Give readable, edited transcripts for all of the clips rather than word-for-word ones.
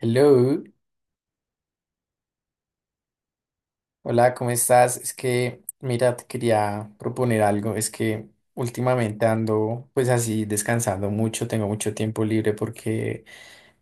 Hello, hola, ¿cómo estás? Es que, mira, te quería proponer algo. Es que últimamente ando pues así descansando mucho, tengo mucho tiempo libre porque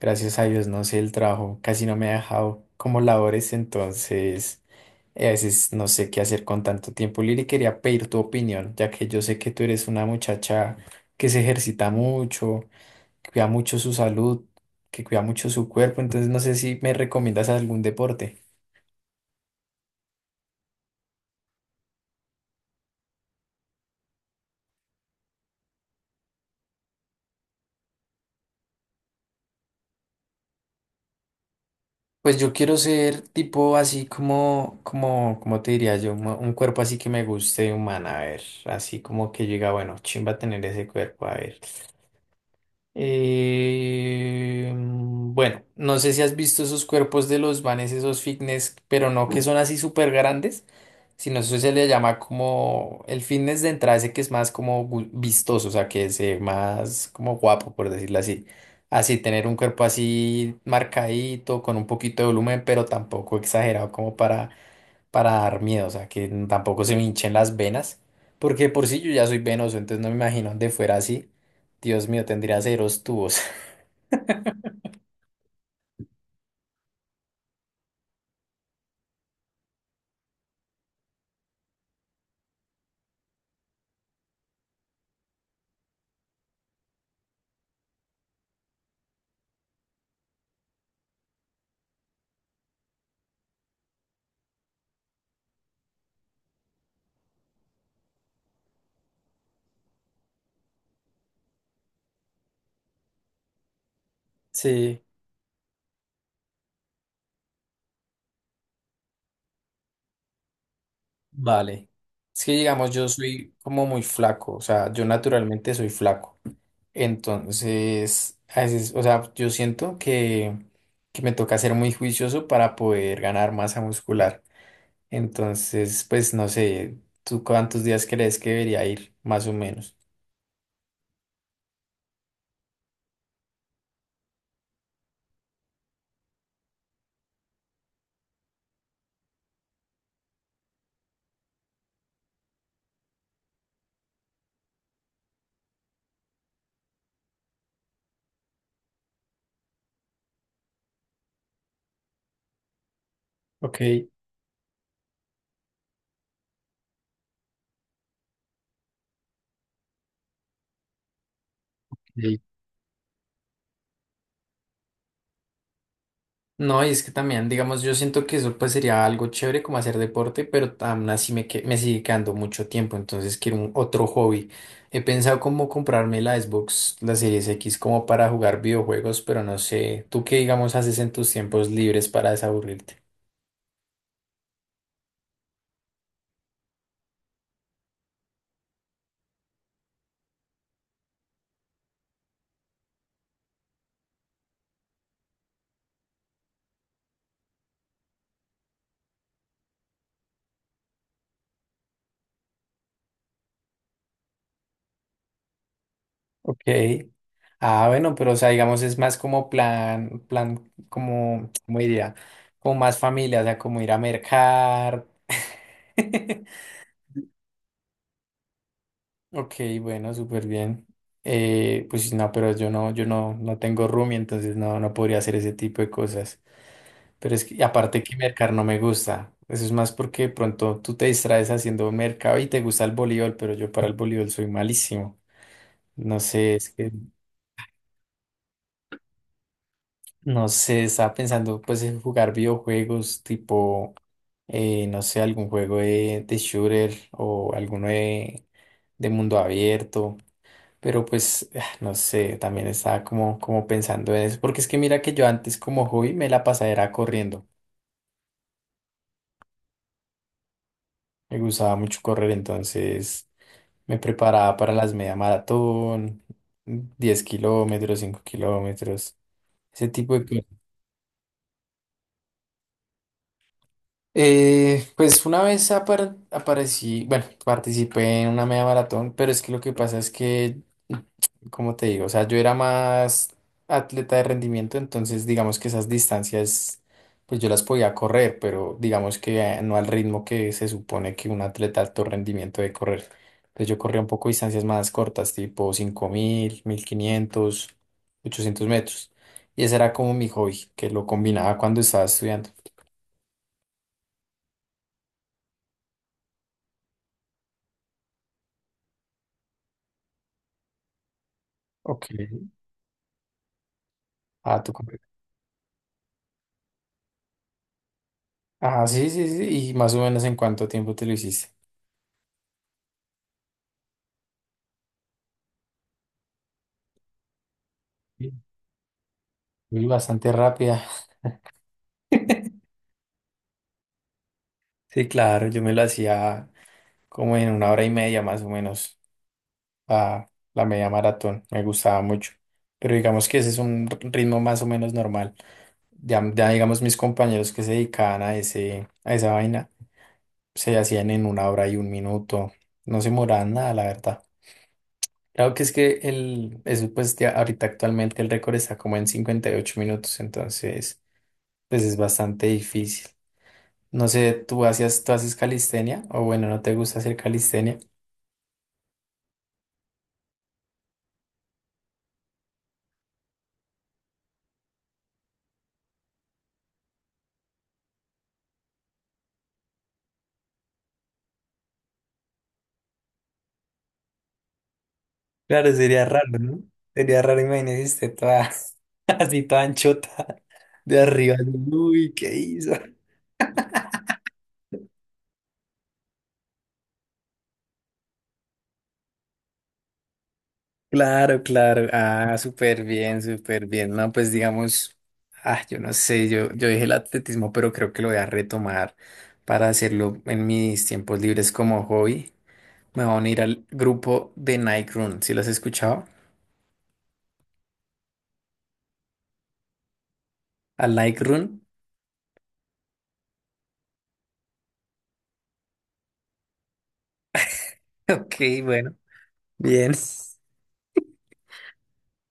gracias a Dios, no sé, el trabajo casi no me ha dejado como labores, entonces a veces no sé qué hacer con tanto tiempo libre y quería pedir tu opinión, ya que yo sé que tú eres una muchacha que se ejercita mucho, que cuida mucho su salud, que cuida mucho su cuerpo, entonces no sé si me recomiendas algún deporte. Pues yo quiero ser tipo así como, te diría yo, un cuerpo así que me guste humana, a ver, así como que llega, bueno, chimba tener ese cuerpo, a ver. Bueno, no sé si has visto esos cuerpos de los vanes, esos fitness, pero no que son así súper grandes, sino eso se le llama como el fitness de entrada, ese que es más como vistoso, o sea, que se ve más como guapo, por decirlo así. Así, tener un cuerpo así marcadito, con un poquito de volumen, pero tampoco exagerado como para dar miedo, o sea, que tampoco se me hinchen las venas, porque de por sí yo ya soy venoso, entonces no me imagino de fuera así. Dios mío, tendría ceros tubos. Sí, vale. Es que digamos, yo soy como muy flaco, o sea, yo naturalmente soy flaco. Entonces, a veces, o sea, yo siento que, me toca ser muy juicioso para poder ganar masa muscular. Entonces, pues no sé, ¿tú cuántos días crees que debería ir, más o menos? Ok. No, y es que también, digamos, yo siento que eso pues sería algo chévere como hacer deporte, pero aún así me sigue quedando mucho tiempo, entonces quiero un otro hobby. He pensado como comprarme la Xbox, la Series X, como para jugar videojuegos, pero no sé, ¿tú qué digamos haces en tus tiempos libres para desaburrirte? Ok. Ah, bueno, pero o sea, digamos, es más como plan, plan, como, ¿cómo diría? Como más familia, o sea, como ir a mercar. Ok, bueno, súper bien. Pues no, pero yo no tengo roomie, entonces no podría hacer ese tipo de cosas. Pero es que aparte que mercar no me gusta. Eso es más porque de pronto tú te distraes haciendo mercado y te gusta el voleibol, pero yo para el voleibol soy malísimo. No sé, es que no sé, estaba pensando pues en jugar videojuegos tipo, no sé, algún juego de shooter o alguno de mundo abierto. Pero pues, ah, no sé, también estaba como, pensando en eso, porque es que mira que yo antes como hobby me la pasaba era corriendo, me gustaba mucho correr, entonces me preparaba para las media maratón, 10 kilómetros, 5 kilómetros, ese tipo de cosas. Pues una vez aparecí, bueno, participé en una media maratón, pero es que lo que pasa es que, como te digo, o sea, yo era más atleta de rendimiento, entonces digamos que esas distancias, pues yo las podía correr, pero digamos que no al ritmo que se supone que un atleta de alto rendimiento debe correr. Entonces yo corría un poco distancias más cortas, tipo 5.000, 1.500, 800 metros. Y ese era como mi hobby, que lo combinaba cuando estaba estudiando. Ok. Ah, tú. Ah, sí, sí, sí. ¿Y más o menos en cuánto tiempo te lo hiciste? Sí. Uy, bastante rápida. Sí, claro, yo me lo hacía como en una hora y media más o menos, a la media maratón, me gustaba mucho. Pero digamos que ese es un ritmo más o menos normal. Ya, ya digamos mis compañeros que se dedicaban a esa vaina, se hacían en una hora y un minuto, no se demoraban nada, la verdad. Claro que es que el, eso pues ya ahorita actualmente el récord está como en 58 minutos, entonces... pues es bastante difícil. No sé, ¿tú hacías, tú haces calistenia? O bueno, ¿no te gusta hacer calistenia? Claro, sería raro, ¿no? Sería raro, imagínate, esté toda así toda anchota de arriba. ¿No? Uy, ¿qué hizo? Claro, claro. Ah, súper bien, súper bien. No, pues digamos, ah, yo no sé, yo dije el atletismo, pero creo que lo voy a retomar para hacerlo en mis tiempos libres como hobby. Me voy a unir al grupo de Nike Run. ¿Sí lo has escuchado? Al Nike Run. Ok, bueno, bien.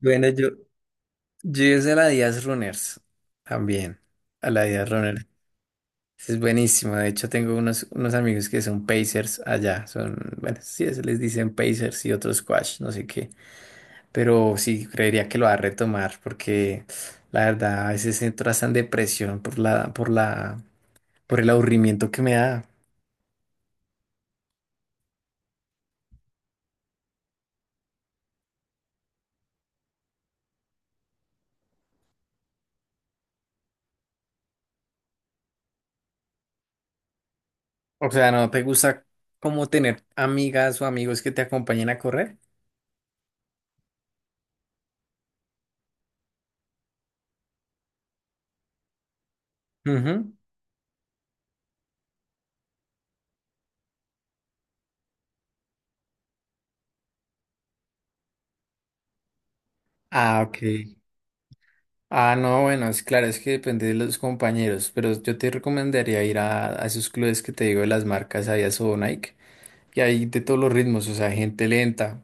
Bueno, yo hice la Díaz Runners también. A la Díaz Runners. Es buenísimo. De hecho, tengo unos amigos que son Pacers allá. Son, bueno, sí, se les dicen Pacers y otros Squash, no sé qué. Pero sí, creería que lo va a retomar porque la verdad a veces entro hasta en depresión por el aburrimiento que me da. O sea, ¿no te gusta como tener amigas o amigos que te acompañen a correr? Ujú. Ah, ok. Ah, no, bueno, es claro, es que depende de los compañeros, pero yo te recomendaría ir a esos clubes que te digo de las marcas, ahí a Sobo Nike, y hay de todos los ritmos, o sea, hay gente lenta,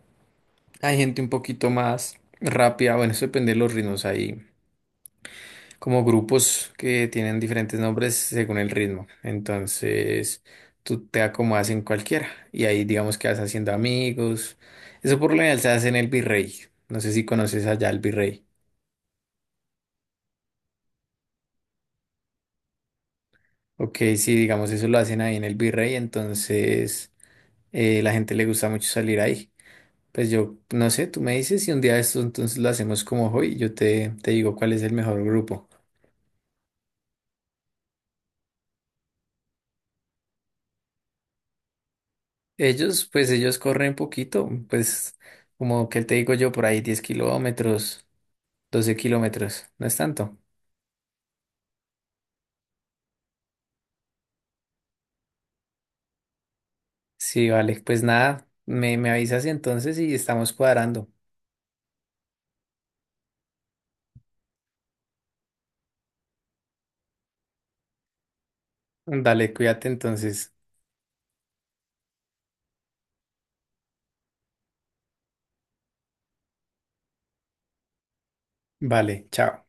hay gente un poquito más rápida, bueno, eso depende de los ritmos, hay como grupos que tienen diferentes nombres según el ritmo, entonces tú te acomodas en cualquiera, y ahí digamos que vas haciendo amigos, eso por lo general se hace en el Virrey, no sé si conoces allá el Virrey. Ok, sí, digamos, eso lo hacen ahí en el Virrey, entonces la gente le gusta mucho salir ahí. Pues yo, no sé, tú me dices si un día esto entonces lo hacemos como hoy, yo te digo cuál es el mejor grupo. Ellos, pues ellos corren poquito, pues como que te digo yo, por ahí 10 kilómetros, 12 kilómetros, no es tanto. Sí, vale, pues nada, me avisas entonces y estamos cuadrando. Dale, cuídate entonces. Vale, chao.